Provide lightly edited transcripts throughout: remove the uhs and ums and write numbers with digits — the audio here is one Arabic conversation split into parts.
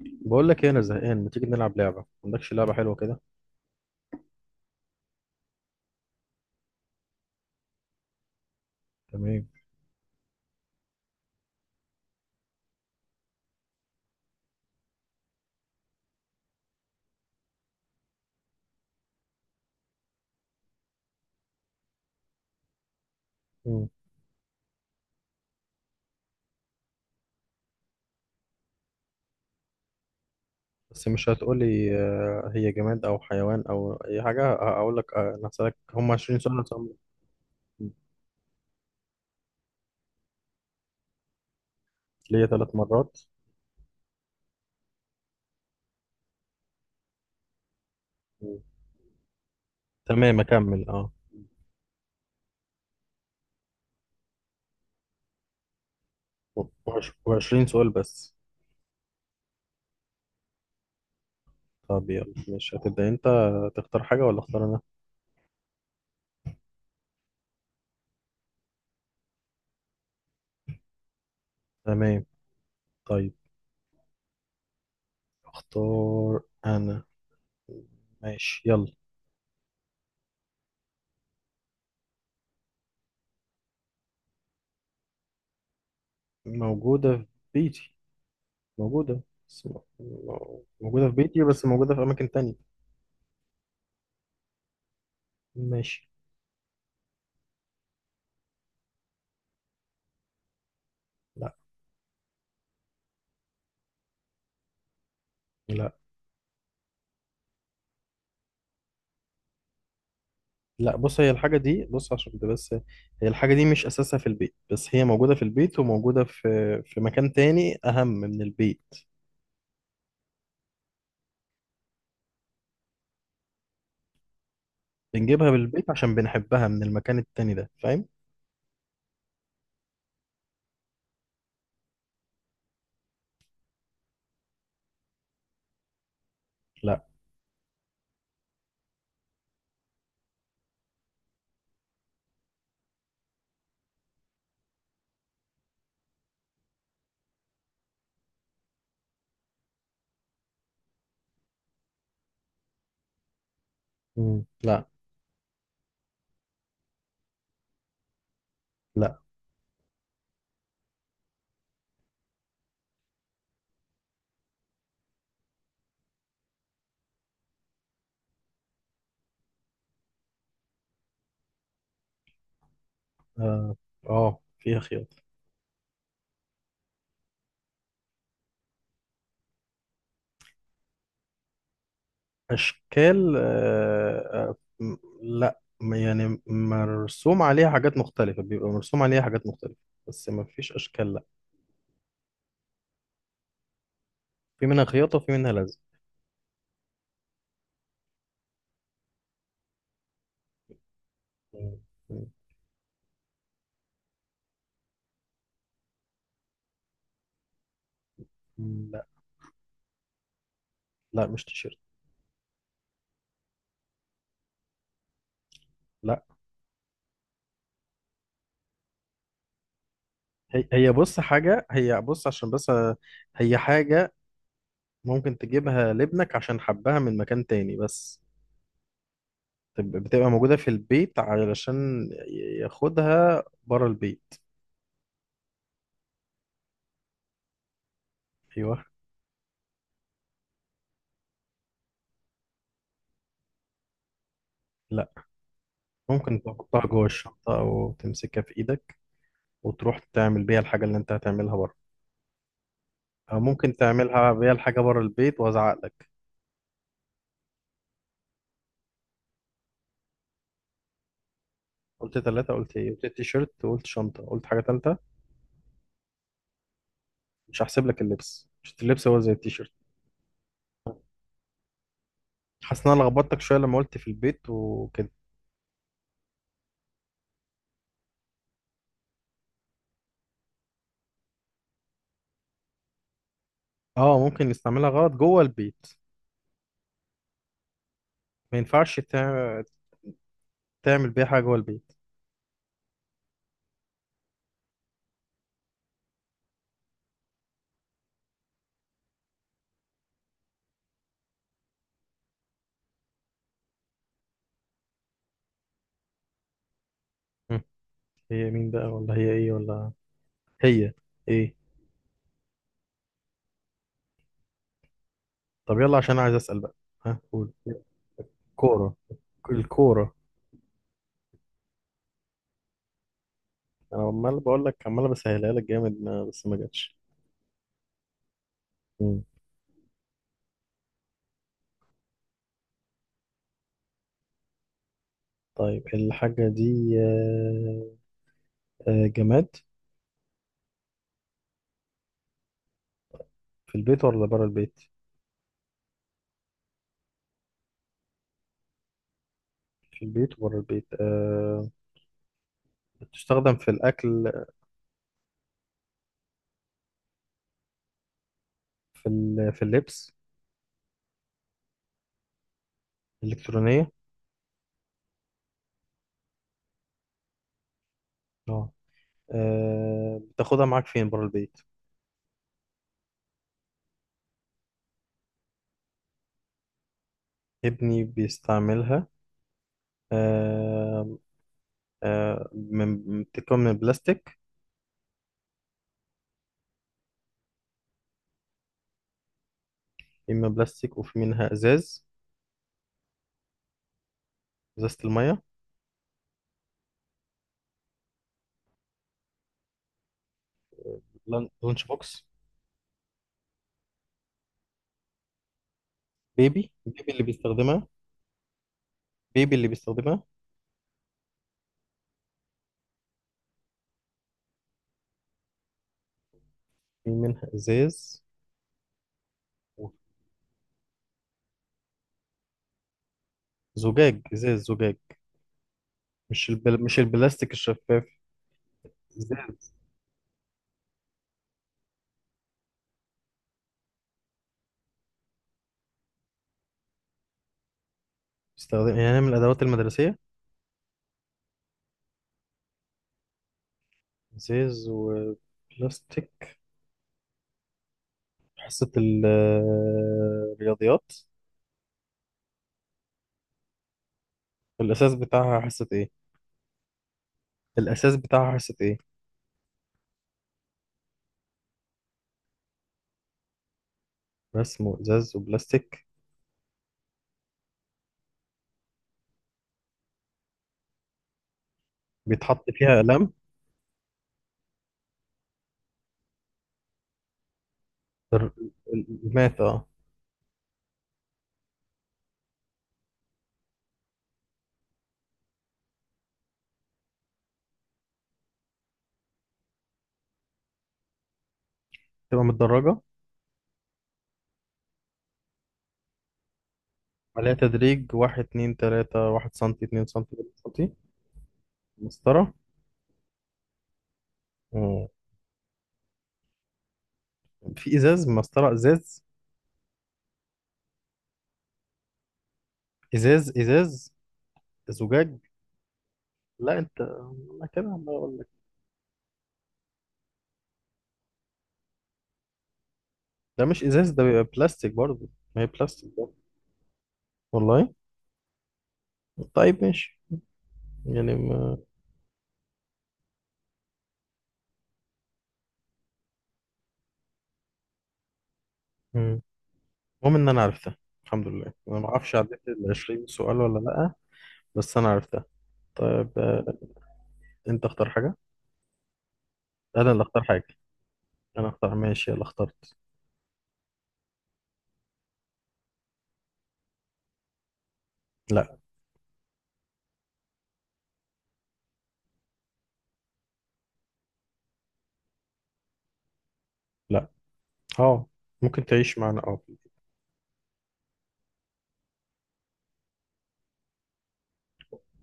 بقول لك ايه؟ انا زهقان. ما تيجي نلعب لعبه؟ ما عندكش لعبه حلوه كده؟ تمام. مم. بس مش هتقولي هي جماد او حيوان او اي حاجه. هقول لك انا هسالك. هم 20 سؤال، أنا هسألهم ليا 3 مرات. مم. تمام اكمل اه. و20 سؤال بس؟ طب يلا، مش هتبدا انت؟ تختار حاجه ولا اختار انا؟ تمام. طيب اختار انا. ماشي يلا. موجوده في بيتي. موجوده. بس- موجوده في بيتي، بس موجوده في اماكن تانية. ماشي. لا. لا. لا، بص هي الحاجة دي، بص عشان كده بس. هي الحاجة دي مش أساسها في البيت، بس هي موجودة في البيت، وموجودة في مكان تاني أهم من البيت. بنجيبها بالبيت عشان بنحبها من المكان التاني ده، فاهم؟ لا. مم. لا. لا. آه. آه، فيها خياطة. أشكال آه آه. م- لا، يعني مرسوم عليها حاجات مختلفة، بيبقى مرسوم عليها حاجات مختلفة، بس ما فيش أشكال، لا. في منها خياطة وفي منها لزق. مم. مم. لا. لا مش تيشيرت. هي بص حاجة، هي بص عشان بس هي حاجة ممكن تجيبها لابنك عشان حبها من مكان تاني بس. بتبقى موجودة في البيت علشان ياخدها بره البيت. أيوه. لا، ممكن تحطها جوه الشنطة أو تمسكها في إيدك، وتروح تعمل بيها الحاجة اللي أنت هتعملها بره، أو ممكن تعملها بيها الحاجة بره البيت وأزعق لك. قلت ثلاثة، قلت إيه؟ قلت التيشيرت، قلت شنطة، قلت حاجة تالتة. مش هحسب لك اللبس، مش اللبس هو زي التيشيرت. حاسس إن أنا لخبطتك شوية لما قلت في البيت وكده. اه، ممكن نستعملها غلط جوه البيت. ما ينفعش تعمل بيها حاجه جوه البيت. مم. هي مين بقى، ولا هي ايه، ولا هي ايه؟ طب يلا، عشان عايز اسال بقى. ها قول. كوره. الكوره. انا عمال بقول لك، عمال بسهلها لك جامد، ما بس ما جاتش. مم. طيب الحاجه دي جماد؟ في البيت ولا بره البيت؟ في البيت وبره البيت بتستخدم في الاكل؟ في اللبس؟ الالكترونيه؟ اه. بتاخدها معاك فين بره البيت؟ ابني بيستعملها. آه، بتبقى من بلاستيك؟ إما بلاستيك وفي منها إزاز. إزازة المية. لانش بوكس. بيبي اللي بيستخدمها. بيبي اللي بيستخدمها. في منها إزاز و- زجاج، إزاز زجاج. مش البلاستيك الشفاف. إزاز. بيستخدم يعني من الأدوات المدرسية. إزاز وبلاستيك. حصة ال- الرياضيات. الأساس بتاعها حصة إيه؟ الأساس بتاعها حصة إيه؟ رسم وإزاز وبلاستيك. بيتحط فيها أقلام. در- المات، اه. تبقى متدرجة. عليها تدريج 1 2 3، 1 سنتي 2 سنتي 3 سنتي. مسطرة. مم. في إزاز، مسطرة إزاز. إزاز إزاز زجاج. لا أنت، أنا كده عمال أقول لك. ده مش إزاز، ده بيبقى بلاستيك برضه. ما هي بلاستيك برضه. والله. طيب ماشي. يعني ما. مم. المهم إن أنا عرفتها، الحمد لله. أنا ما أعرفش عديت ال 20 سؤال ولا لأ، بس أنا عرفتها. طيب أنت اختار حاجة؟ انا اللي اختار حاجه؟ انا اختار. ماشي يلا، اخترت. لا. لا اه، ممكن تعيش معنا اه.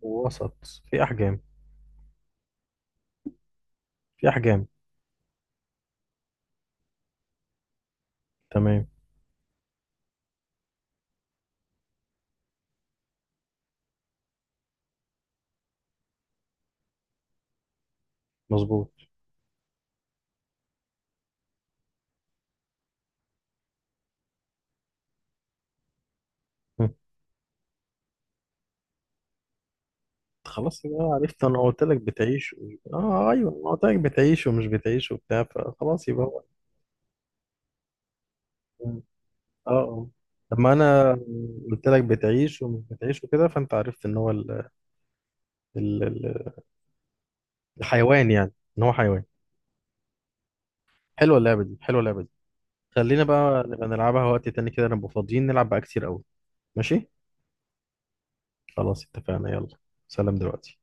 وسط. في احجام. في احجام. تمام. مظبوط. هم. خلاص يبقى عرفت. انا قلت لك بتعيش ومش ايوه، انا قلت لك بتعيش ومش بتعيش وبتاع، فخلاص يبقى هو. اه اه، لما انا قلت لك بتعيش ومش بتعيش وكده، فانت عرفت ان هو ال... ال- الحيوان يعني، ان هو حيوان. حلوه اللعبه دي، حلوه اللعبه دي. خلينا بقى نبقى نلعبها وقت تاني كده، نبقى فاضيين نلعب بقى كتير قوي. ماشي. خلاص اتفقنا يلا. سلام دلوقتي.